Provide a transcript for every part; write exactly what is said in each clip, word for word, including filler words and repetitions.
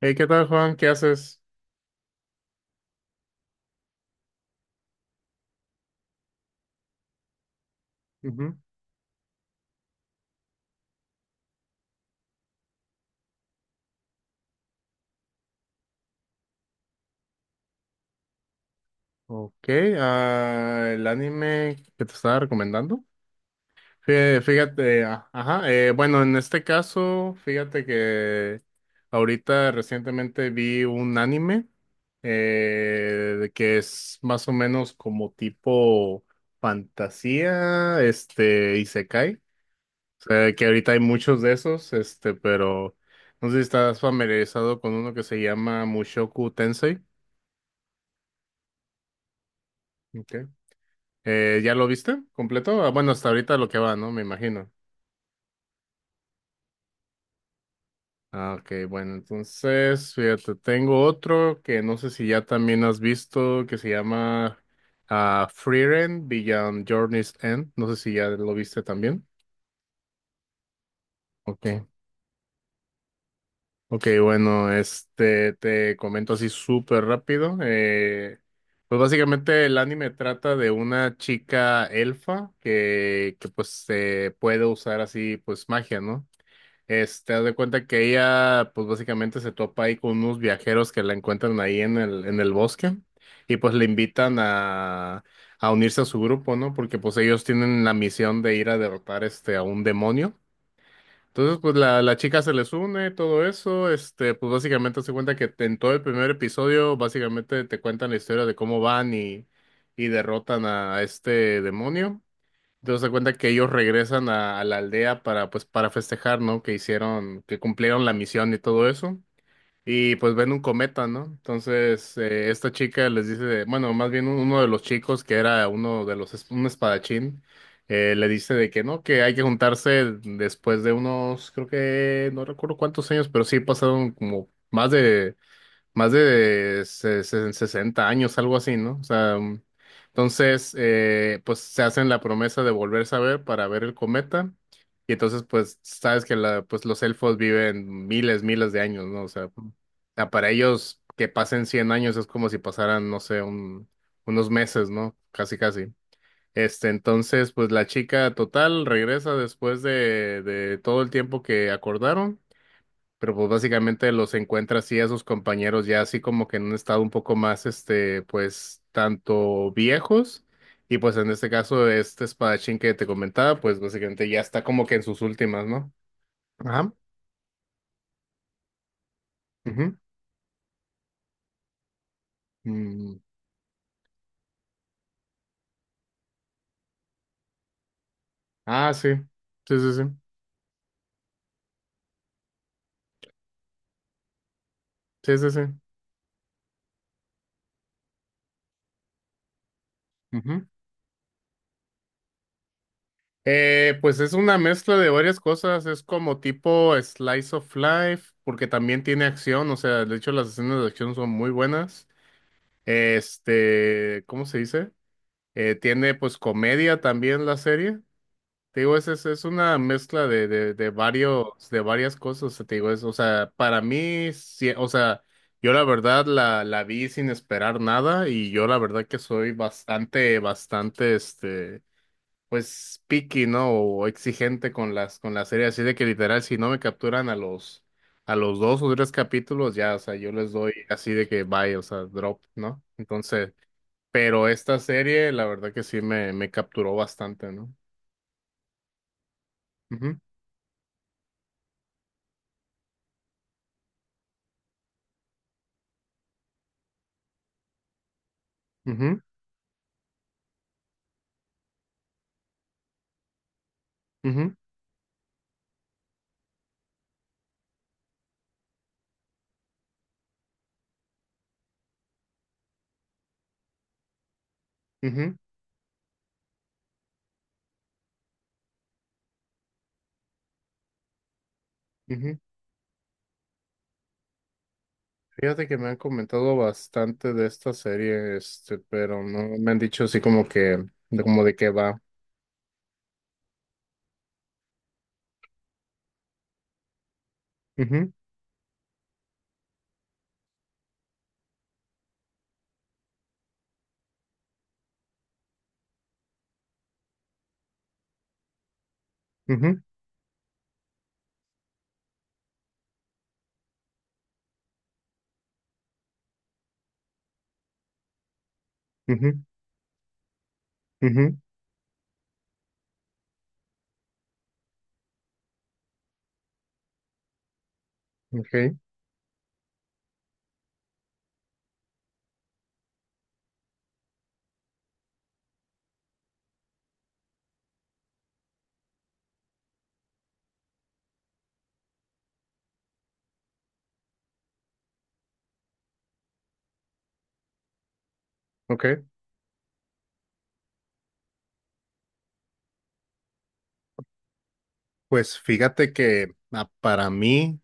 Hey, ¿qué tal, Juan? ¿Qué haces? Ujú. Ok, ah, el anime que te estaba recomendando. Fí- Fíjate, ah, ajá, eh, bueno, en este caso, fíjate que ahorita recientemente vi un anime eh, de que es más o menos como tipo fantasía, este, isekai. O sea, que ahorita hay muchos de esos, este, pero no sé si estás familiarizado con uno que se llama Mushoku Tensei. Ok. Eh, ¿ya lo viste completo? Ah, bueno, hasta ahorita lo que va, ¿no? Me imagino. Ah, ok, bueno, entonces, fíjate, tengo otro que no sé si ya también has visto, que se llama ah, Frieren Beyond Journey's End. No sé si ya lo viste también. Ok, ok, bueno, este, te comento así súper rápido. Eh, pues básicamente el anime trata de una chica elfa que, que pues eh, puede usar así pues magia, ¿no? Este, haz de cuenta que ella, pues básicamente se topa ahí con unos viajeros que la encuentran ahí en el, en el bosque y pues le invitan a, a unirse a su grupo, ¿no? Porque pues ellos tienen la misión de ir a derrotar este, a un demonio. Entonces, pues la, la chica se les une, todo eso, este, pues básicamente se cuenta que en todo el primer episodio, básicamente te cuentan la historia de cómo van y, y derrotan a, a este demonio. Te das cuenta que ellos regresan a, a la aldea para, pues, para festejar, ¿no? Que hicieron, que cumplieron la misión y todo eso. Y pues ven un cometa, ¿no? Entonces, eh, esta chica les dice, bueno, más bien uno de los chicos que era uno de los, es- un espadachín, eh, le dice de que no, que hay que juntarse después de unos, creo que, no recuerdo cuántos años, pero sí pasaron como más de más de se- se- sesenta años, algo así, ¿no? O sea, mm, entonces, eh, pues se hacen la promesa de volverse a ver para ver el cometa. Y entonces, pues, sabes que la, pues, los elfos viven miles, miles de años, ¿no? O sea, o sea, para ellos que pasen cien años es como si pasaran, no sé, un- unos meses, ¿no? Casi, casi. Este, entonces, pues la chica total regresa después de, de todo el tiempo que acordaron. Pero pues básicamente los encuentra así a sus compañeros ya así como que en un estado un poco más, este, pues tanto viejos y pues en este caso este espadachín que te comentaba, pues básicamente ya está como que en sus últimas, ¿no? Ajá. Ujú. Mm. Ah, sí. Sí, sí, sí. Sí, sí, sí. Ujú. Eh, pues es una mezcla de varias cosas, es como tipo slice of life, porque también tiene acción, o sea, de hecho las escenas de acción son muy buenas. Este, ¿cómo se dice? Eh, tiene pues comedia también la serie. Te digo, es, es, es una mezcla de, de, de varios, de varias cosas, te digo, es, o sea, para mí, sí, o sea, yo la verdad la, la vi sin esperar nada y yo la verdad que soy bastante, bastante, este, pues, picky, ¿no? O exigente con las, con la serie, así de que literal, si no me capturan a los, a los dos o tres capítulos, ya, o sea, yo les doy así de que bye, o sea, drop, ¿no? Entonces... Pero esta serie, la verdad que sí me, me capturó bastante, ¿no? Ujú, ujú, ujú, ujú, ujú. Fíjate que me han comentado bastante de esta serie, este, pero no me han dicho así como que, de como de qué va. Ujú, ujú, ujú, ujú. Ok, ok. Pues fíjate que ah, para mí,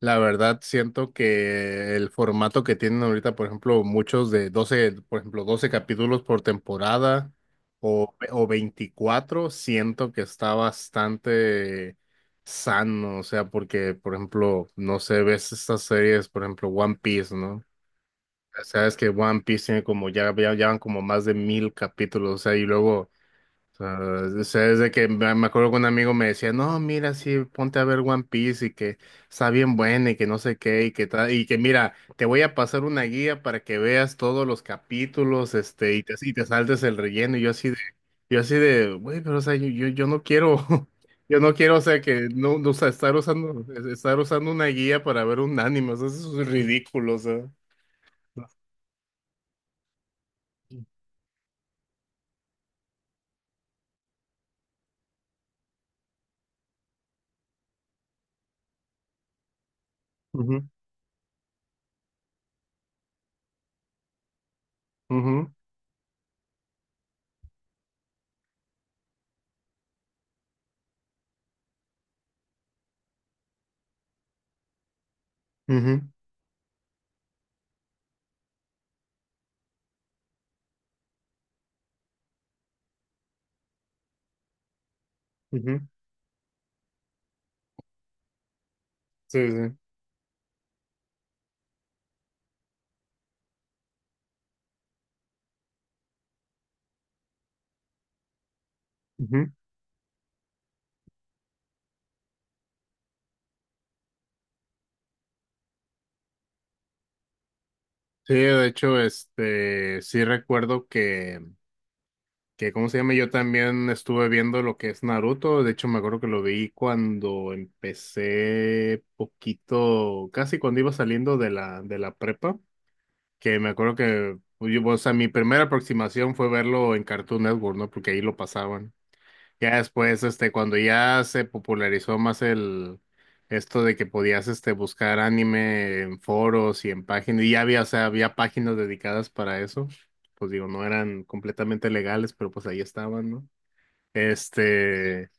la verdad, siento que el formato que tienen ahorita, por ejemplo, muchos de doce por ejemplo, doce capítulos por temporada o, o veinticuatro siento que está bastante sano, o sea, porque, por ejemplo, no sé, ves estas series, por ejemplo, One Piece, ¿no? Sabes que One Piece tiene como, ya, ya, ya van como más de mil capítulos, o sea, y luego sea, o sea, es de que me me acuerdo que un amigo me decía, no, mira, sí, ponte a ver One Piece y que está bien buena y que no sé qué y que tal, y que mira, te voy a pasar una guía para que veas todos los capítulos, este, y te, y te saltes el relleno. Y yo así de, yo así de, güey, pero o sea, yo, yo, yo no quiero, yo no quiero, o sea, que no, no, o sea, estar usando, estar usando una guía para ver un anime, o sea, eso es ridículo, o sea. Ujú, ujú, ujú, ujú. Sí, sí. Sí, de hecho, este, sí recuerdo que, que, ¿cómo se llama? Yo también estuve viendo lo que es Naruto. De hecho, me acuerdo que lo vi cuando empecé poquito, casi cuando iba saliendo de la, de la prepa, que me acuerdo que, pues, yo- o sea, mi primera aproximación fue verlo en Cartoon Network, ¿no? Porque ahí lo pasaban. Ya después, este, cuando ya se popularizó más el esto de que podías este buscar anime en foros y en páginas, y ya había, o sea, había páginas dedicadas para eso. Pues digo, no eran completamente legales, pero pues ahí estaban, ¿no? Este,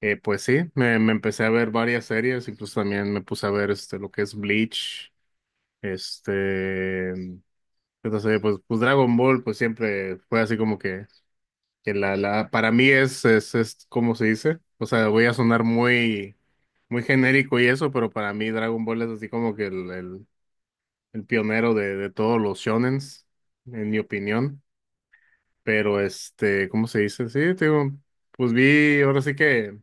eh, pues sí, me, me empecé a ver varias series, incluso también me puse a ver este lo que es Bleach, este, entonces, pues, pues Dragon Ball, pues siempre fue así como que que la, la, para mí es, es, es, ¿cómo se dice? O sea, voy a sonar muy, muy genérico y eso, pero para mí Dragon Ball es así como que el, el, el pionero de, de todos los shonens, en mi opinión. Pero este, ¿cómo se dice? Sí, te digo, pues vi, ahora sí que.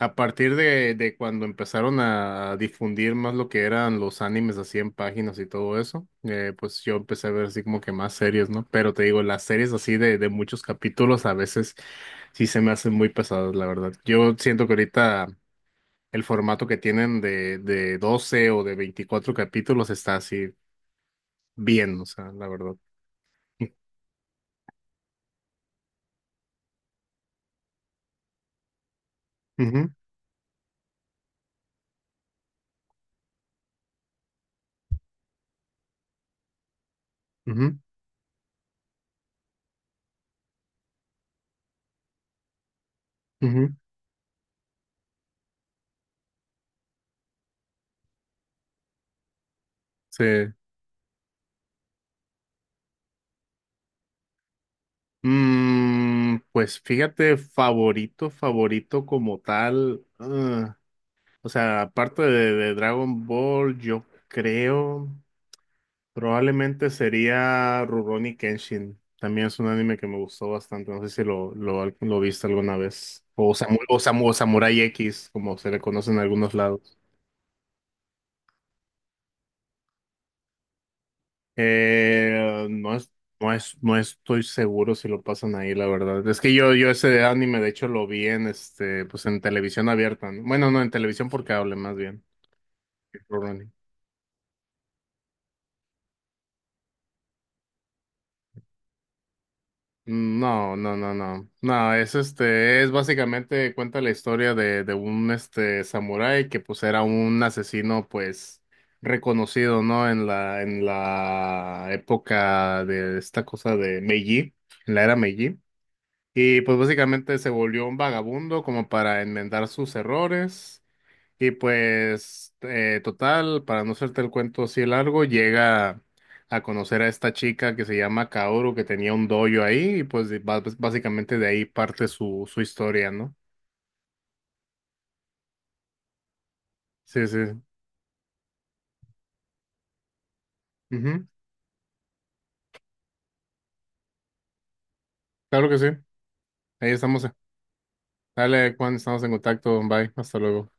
A partir de, de cuando empezaron a difundir más lo que eran los animes así en páginas y todo eso, eh, pues yo empecé a ver así como que más series, ¿no? Pero te digo, las series así de, de muchos capítulos a veces sí se me hacen muy pesadas, la verdad. Yo siento que ahorita el formato que tienen de, de doce o de veinticuatro capítulos está así bien, o sea, la verdad. Ujú, ujú, ujú. Sí. Mm, pues fíjate, favorito, favorito como tal. Ah, o sea, aparte de, de Dragon Ball, yo creo probablemente sería Rurouni Kenshin. También es un anime que me gustó bastante. No sé si lo, lo, lo viste alguna vez. O, Samu- o, Samu- o Samurai X, como se le conoce en algunos lados. Eh, no es, no es, no estoy seguro si lo pasan ahí, la verdad. Es que yo, yo ese anime, de hecho, lo vi en este, pues en televisión abierta, ¿no? Bueno, no, en televisión por cable, más bien. Que por running. Mm, no, no, no, no. No, es este, es básicamente cuenta la historia de, de un este samurái que pues era un asesino, pues, reconocido, ¿no? En la, en la época de esta cosa de Meiji, en la era Meiji. Y pues básicamente se volvió un vagabundo como para enmendar sus errores. Y pues eh, total, para no hacerte el cuento así de largo, llega a conocer a esta chica que se llama Kaoru, que tenía un dojo ahí, y pues de- bas- básicamente de ahí parte su, su historia, ¿no? Sí, sí. Ujú. Claro que sí. Ahí estamos. Dale, Juan, estamos en contacto. Bye. Hasta luego.